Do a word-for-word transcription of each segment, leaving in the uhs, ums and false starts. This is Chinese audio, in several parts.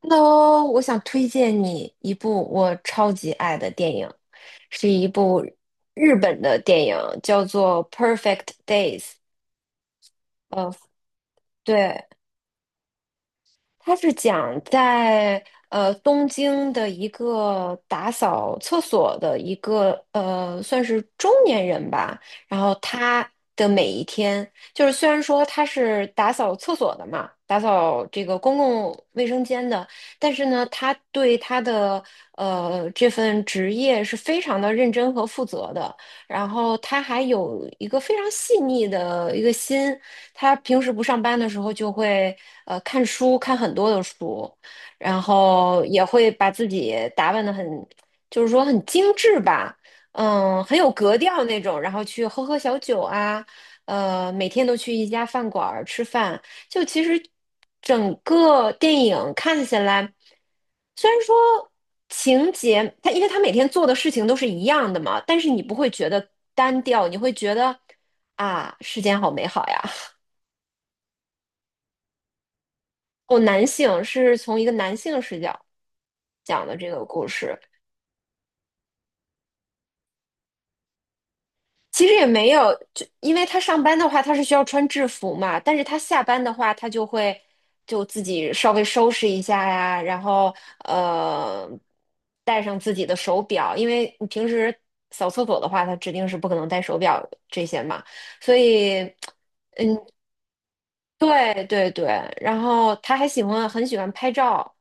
那我想推荐你一部我超级爱的电影，是一部日本的电影，叫做《Perfect Days》。呃，对，他是讲在呃东京的一个打扫厕所的一个呃算是中年人吧，然后他的每一天，就是虽然说他是打扫厕所的嘛，打扫这个公共卫生间的，但是呢，他对他的呃这份职业是非常的认真和负责的，然后他还有一个非常细腻的一个心。他平时不上班的时候就会呃看书，看很多的书，然后也会把自己打扮的很，就是说很精致吧，嗯，很有格调那种，然后去喝喝小酒啊，呃，每天都去一家饭馆儿吃饭，就其实整个电影看起来，虽然说情节，他因为他每天做的事情都是一样的嘛，但是你不会觉得单调，你会觉得啊，世间好美好呀。哦，男性是从一个男性视角讲的这个故事。其实也没有，就因为他上班的话，他是需要穿制服嘛，但是他下班的话，他就会就自己稍微收拾一下呀，然后呃，戴上自己的手表，因为你平时扫厕所的话，他指定是不可能戴手表这些嘛，所以。对对对，然后他还喜欢很喜欢拍照，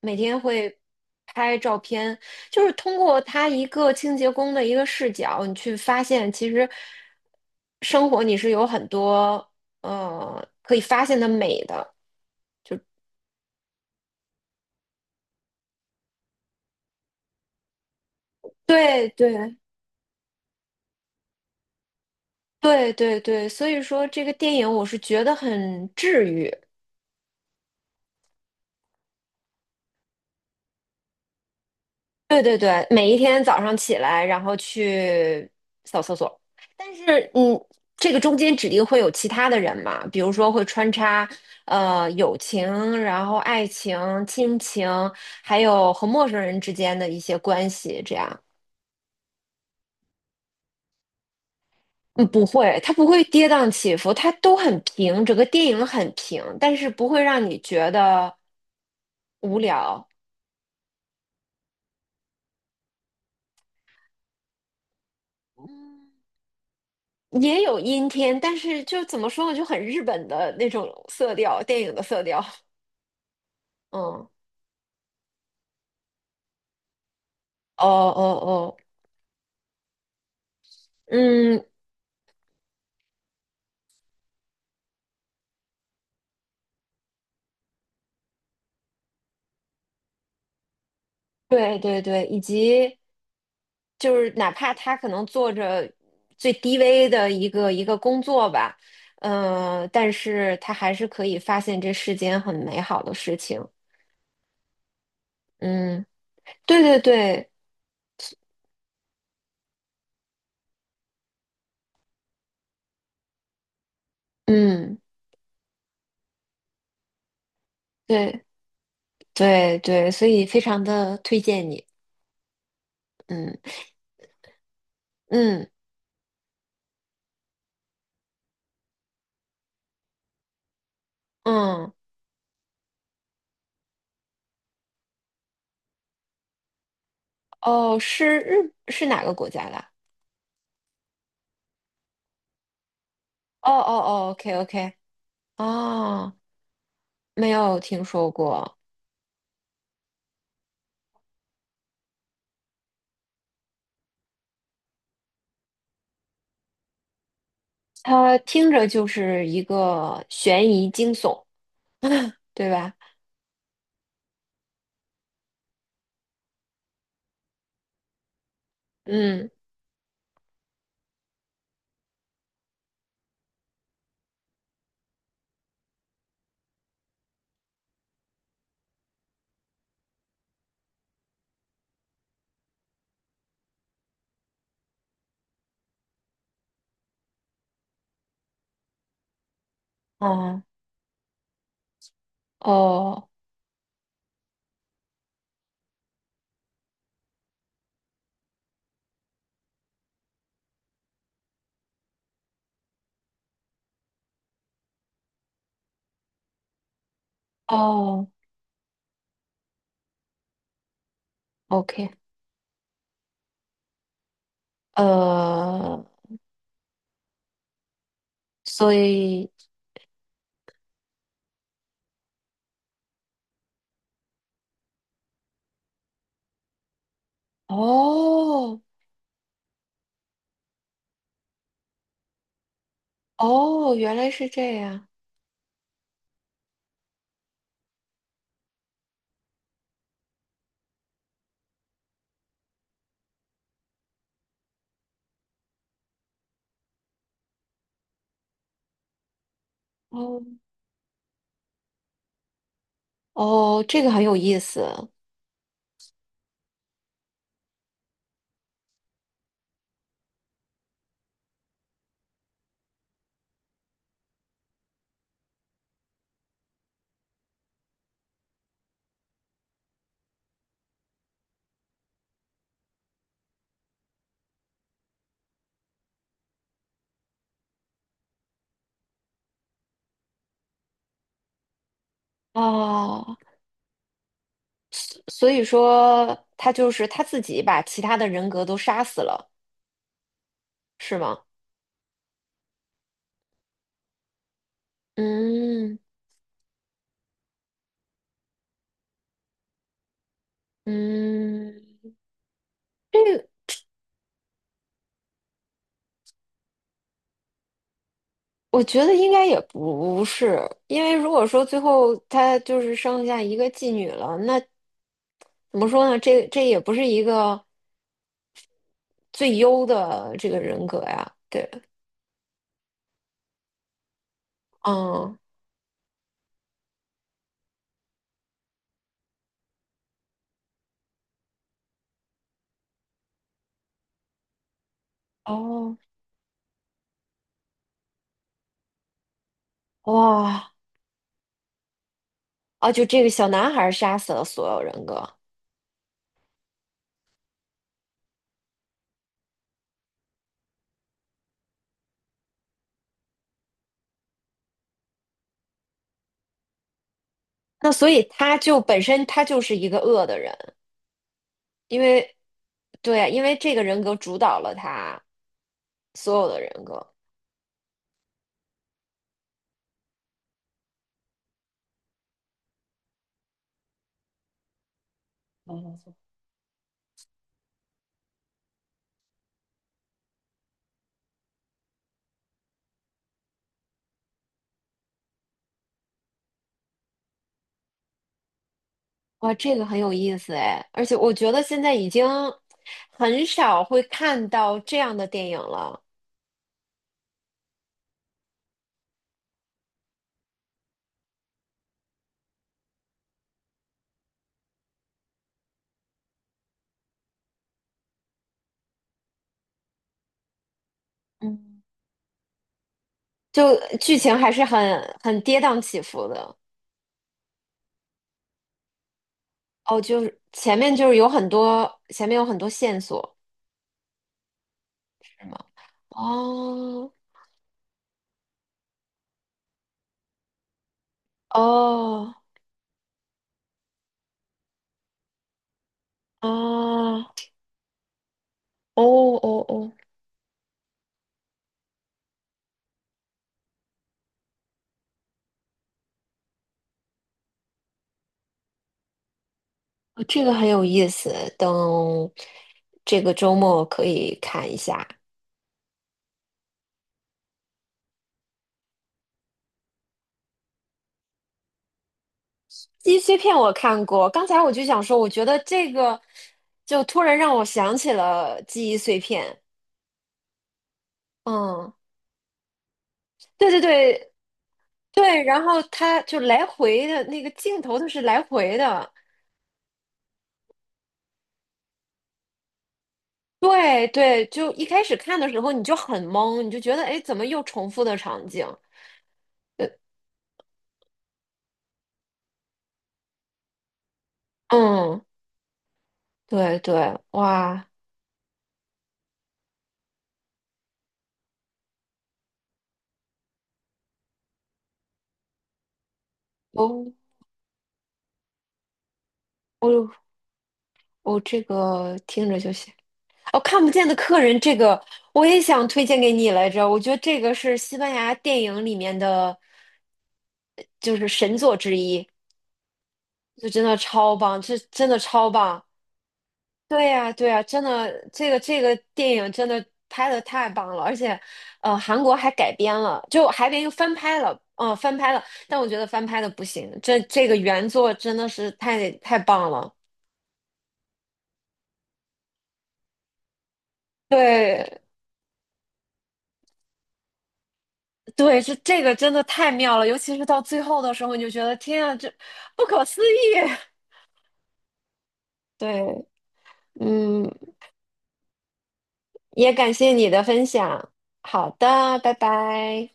每天会拍照片，就是通过他一个清洁工的一个视角，你去发现其实生活你是有很多呃可以发现的美的。对对对对对，所以说这个电影我是觉得很治愈。对对对，每一天早上起来，然后去扫厕所。但是，嗯，这个中间指定会有其他的人嘛，比如说会穿插，呃，友情，然后爱情、亲情，还有和陌生人之间的一些关系，这样。嗯，不会，它不会跌宕起伏，它都很平，整个电影很平，但是不会让你觉得无聊。嗯，也有阴天，但是就怎么说呢，就很日本的那种色调，电影的色调。嗯，哦哦哦，嗯，对对对，以及就是哪怕他可能做着最低微的一个一个工作吧，嗯，但是他还是可以发现这世间很美好的事情。嗯，对对对，嗯，对对对，所以非常的推荐你。嗯嗯嗯，哦，是日是哪个国家的？哦哦哦，OK OK，哦，没有听说过。他听着就是一个悬疑惊悚，对吧？嗯，哦哦哦，OK，呃，所以哦哦，原来是这样，哦哦，这个很有意思哦，所所以说他就是他自己把其他的人格都杀死了，是吗？嗯嗯。我觉得应该也不是，因为如果说最后他就是剩下一个妓女了，那怎么说呢？这这也不是一个最优的这个人格呀。对，嗯，哦，哇，啊，就这个小男孩杀死了所有人格，那所以他就本身他就是一个恶的人，因为对啊，因为这个人格主导了他所有的人格。哇，这个很有意思哎，而且我觉得现在已经很少会看到这样的电影了，嗯，就剧情还是很很跌宕起伏的。哦，就是前面就是有很多，前面有很多线索，是吗？哦哦哦哦哦哦，哦这个很有意思，等这个周末可以看一下。记忆碎片我看过，刚才我就想说，我觉得这个就突然让我想起了记忆碎片。嗯，对对对对，然后他就来回的那个镜头，它是来回的。对对，就一开始看的时候你就很懵，你就觉得哎，诶怎么又重复的场景？呃嗯，对对，哇，哦哦哦，这个听着就行。哦，看不见的客人这个我也想推荐给你来着，我觉得这个是西班牙电影里面的，就是神作之一，就真的超棒，这真的超棒。对呀，对呀，真的，这个这个电影真的拍的太棒了，而且，呃，韩国还改编了，就还编又翻拍了，嗯、翻拍了，但我觉得翻拍的不行，这这个原作真的是太太棒了。对，对，这这个真的太妙了，尤其是到最后的时候，你就觉得天啊，这不可思议。对，嗯，也感谢你的分享。好的，拜拜。